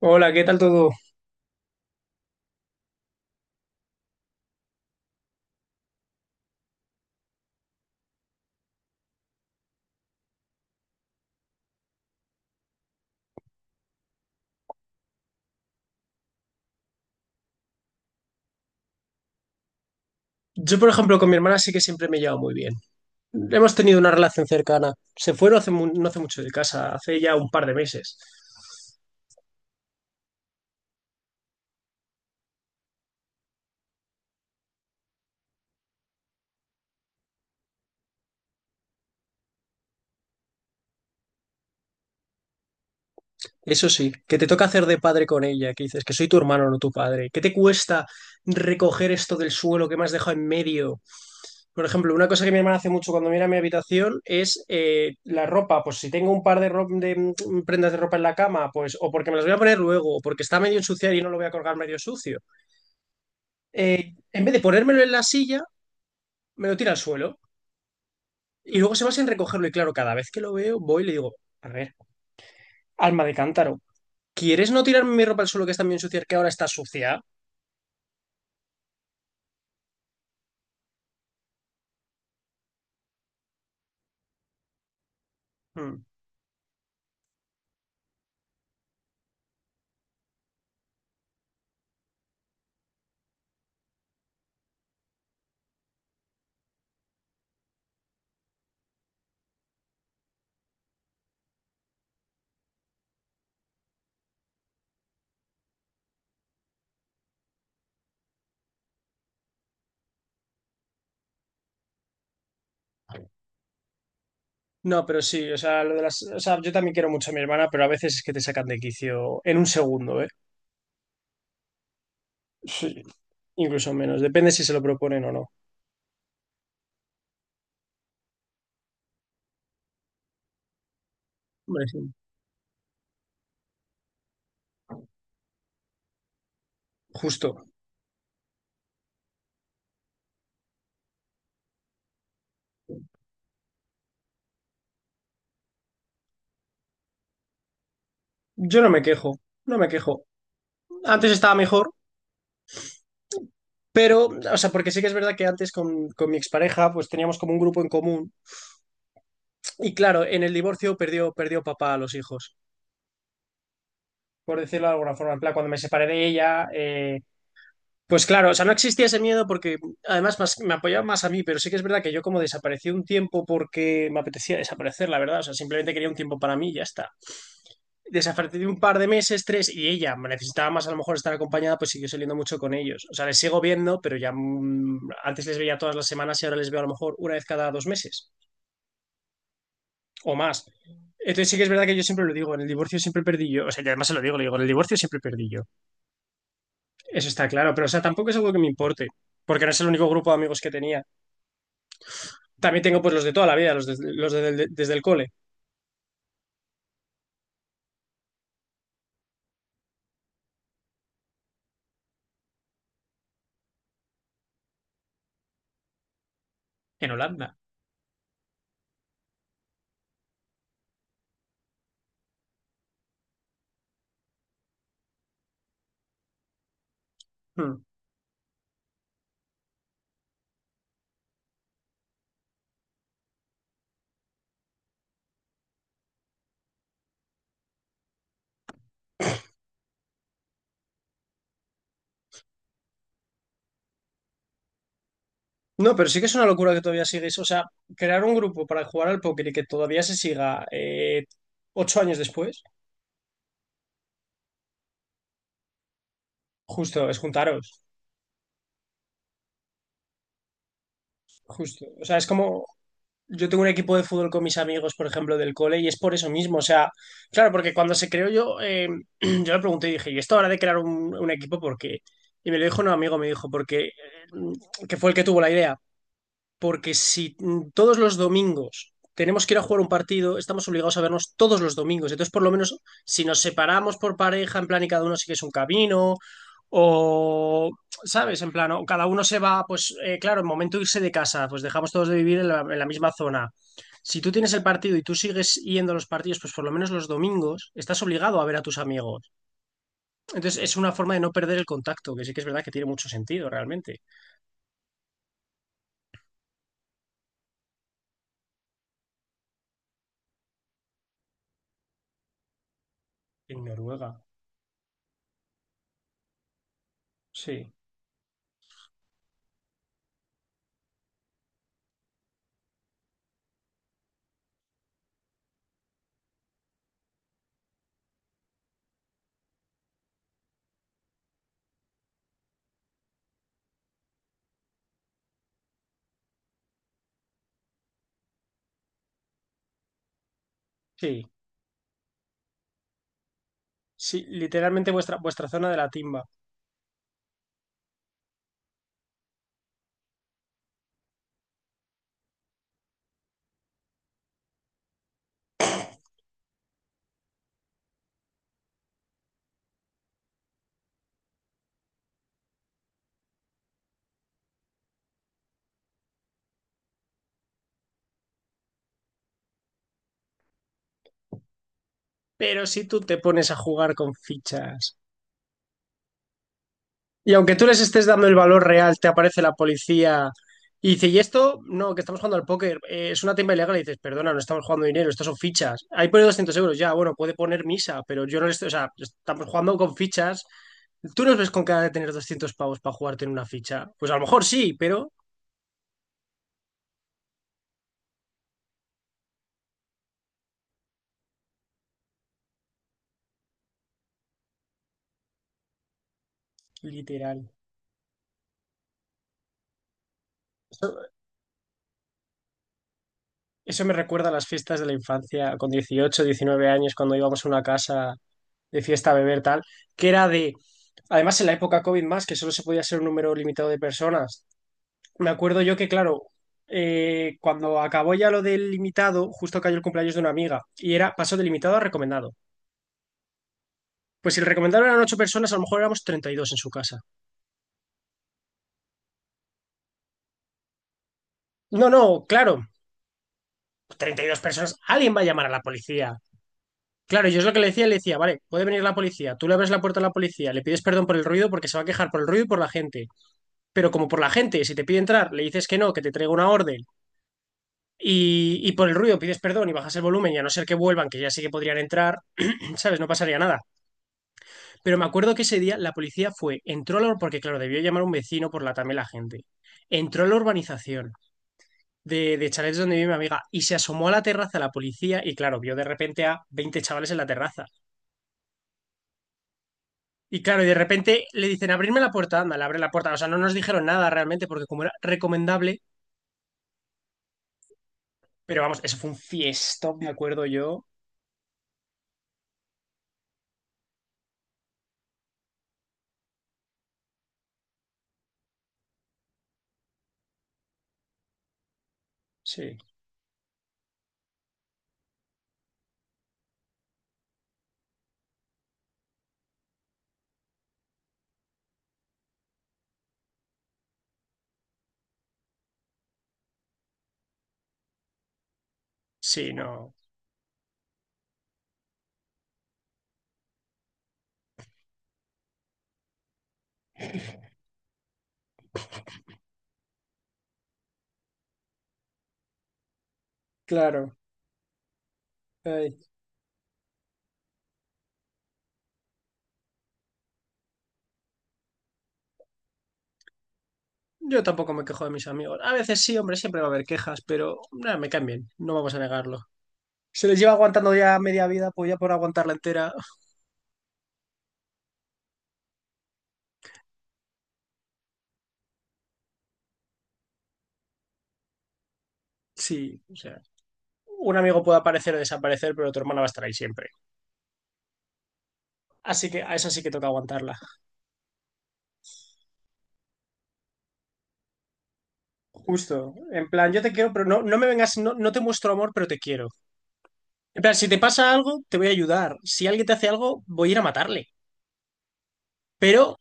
Hola, ¿qué tal todo? Yo, por ejemplo, con mi hermana sí que siempre me he llevado muy bien. Hemos tenido una relación cercana. Se fue no hace mucho de casa, hace ya un par de meses. Eso sí, que te toca hacer de padre con ella, que dices que soy tu hermano, no tu padre. ¿Qué te cuesta recoger esto del suelo que me has dejado en medio? Por ejemplo, una cosa que mi hermana hace mucho cuando mira mi habitación es la ropa. Pues si tengo un par de prendas de ropa en la cama, pues o porque me las voy a poner luego, o porque está medio ensuciada y no lo voy a colgar medio sucio. En vez de ponérmelo en la silla, me lo tira al suelo y luego se va sin recogerlo. Y claro, cada vez que lo veo, voy y le digo, a ver, alma de cántaro, ¿quieres no tirarme mi ropa al suelo que está bien sucia, que ahora está sucia? Mm. No, pero sí, o sea, yo también quiero mucho a mi hermana, pero a veces es que te sacan de quicio en un segundo, ¿eh? Sí, incluso menos, depende si se lo proponen o no. Hombre, sí. Justo. Yo no me quejo, no me quejo. Antes estaba mejor, pero, o sea, porque sí que es verdad que antes con mi expareja, pues teníamos como un grupo en común. Y claro, en el divorcio perdió papá a los hijos, por decirlo de alguna forma. En plan, cuando me separé de ella, pues claro, o sea, no existía ese miedo porque me apoyaba más a mí, pero sí que es verdad que yo como desaparecí un tiempo porque me apetecía desaparecer, la verdad. O sea, simplemente quería un tiempo para mí y ya está. Desaparecí un par de meses, tres, y ella me necesitaba más a lo mejor estar acompañada, pues siguió saliendo mucho con ellos. O sea, les sigo viendo, pero ya antes les veía todas las semanas y ahora les veo a lo mejor una vez cada dos meses o más. Entonces sí que es verdad que yo siempre lo digo, en el divorcio siempre perdí yo, o sea, y además se lo digo, le digo, en el divorcio siempre perdí yo. Eso está claro, pero o sea, tampoco es algo que me importe, porque no es el único grupo de amigos que tenía. También tengo pues los de toda la vida, los desde el cole. En Holanda. Hmm. No, pero sí que es una locura que todavía sigues, o sea, crear un grupo para jugar al póker y que todavía se siga 8 años después, justo, es juntaros, justo. O sea, es como, Yo tengo un equipo de fútbol con mis amigos, por ejemplo, del cole, y es por eso mismo. O sea, claro, porque cuando se creó yo, yo le pregunté y dije, ¿y esto ahora de crear un equipo, por qué? Y me lo dijo un amigo, me dijo, porque, que fue el que tuvo la idea porque si todos los domingos tenemos que ir a jugar un partido, estamos obligados a vernos todos los domingos. Entonces, por lo menos, si nos separamos por pareja, en plan, y cada uno sigue su camino, o, ¿sabes? En plan, o cada uno se va, pues, claro, en momento de irse de casa, pues dejamos todos de vivir en la misma zona. Si tú tienes el partido y tú sigues yendo a los partidos, pues por lo menos los domingos estás obligado a ver a tus amigos. Entonces, es una forma de no perder el contacto, que sí que es verdad que tiene mucho sentido realmente. En Noruega, sí, sí. Sí, literalmente vuestra, vuestra zona de la timba. Pero si tú te pones a jugar con fichas y aunque tú les estés dando el valor real, te aparece la policía y dice, ¿y esto? No, que estamos jugando al póker. Es una timba ilegal. Y dices, perdona, no estamos jugando dinero, estas son fichas. Ahí pone 200 euros, ya, bueno, puede poner misa, pero yo no le estoy, o sea, estamos jugando con fichas. ¿Tú nos ves con cara de tener 200 pavos para jugarte en una ficha? Pues a lo mejor sí, pero literal. Eso me recuerda a las fiestas de la infancia, con 18 19 años, cuando íbamos a una casa de fiesta, beber, tal, que era de, además en la época COVID más, que solo se podía ser un número limitado de personas. Me acuerdo yo que, claro, cuando acabó ya lo del limitado, justo cayó el cumpleaños de una amiga y era pasó de limitado a recomendado. Pues si el recomendado eran ocho personas, a lo mejor éramos 32 en su casa. No, no, claro, 32 personas, alguien va a llamar a la policía. Claro, yo es lo que le decía, vale, puede venir la policía, tú le abres la puerta a la policía, le pides perdón por el ruido porque se va a quejar por el ruido y por la gente. Pero como por la gente, si te pide entrar, le dices que no, que te traiga una orden. Y por el ruido pides perdón y bajas el volumen y a no ser que vuelvan, que ya sí que podrían entrar, ¿sabes? No pasaría nada. Pero me acuerdo que ese día la policía fue, entró a la, porque claro, debió llamar a un vecino por la también la gente. Entró a la urbanización de chalets donde vive mi amiga y se asomó a la terraza la policía y claro, vio de repente a 20 chavales en la terraza. Y claro, y de repente le dicen, abrirme la puerta, anda, le abre la puerta. O sea, no nos dijeron nada realmente porque como era recomendable, pero vamos, eso fue un fiestón me acuerdo yo. Sí, sí, no. Claro. Ay. Yo tampoco me quejo de mis amigos. A veces sí, hombre, siempre va a haber quejas, pero nada, me caen bien, no vamos a negarlo. Se les lleva aguantando ya media vida, pues ya por aguantarla entera. Sí, o sea, un amigo puede aparecer o desaparecer, pero tu hermana va a estar ahí siempre. Así que a esa sí que toca aguantarla. Justo, en plan, yo te quiero, pero no, no me vengas, no, no te muestro amor, pero te quiero. En plan, si te pasa algo, te voy a ayudar. Si alguien te hace algo, voy a ir a matarle. Pero,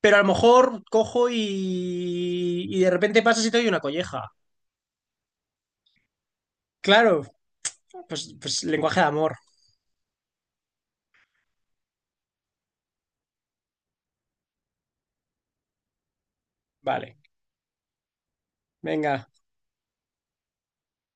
pero a lo mejor cojo y de repente pasas y te doy una colleja. Claro, pues lenguaje de amor. Vale, venga.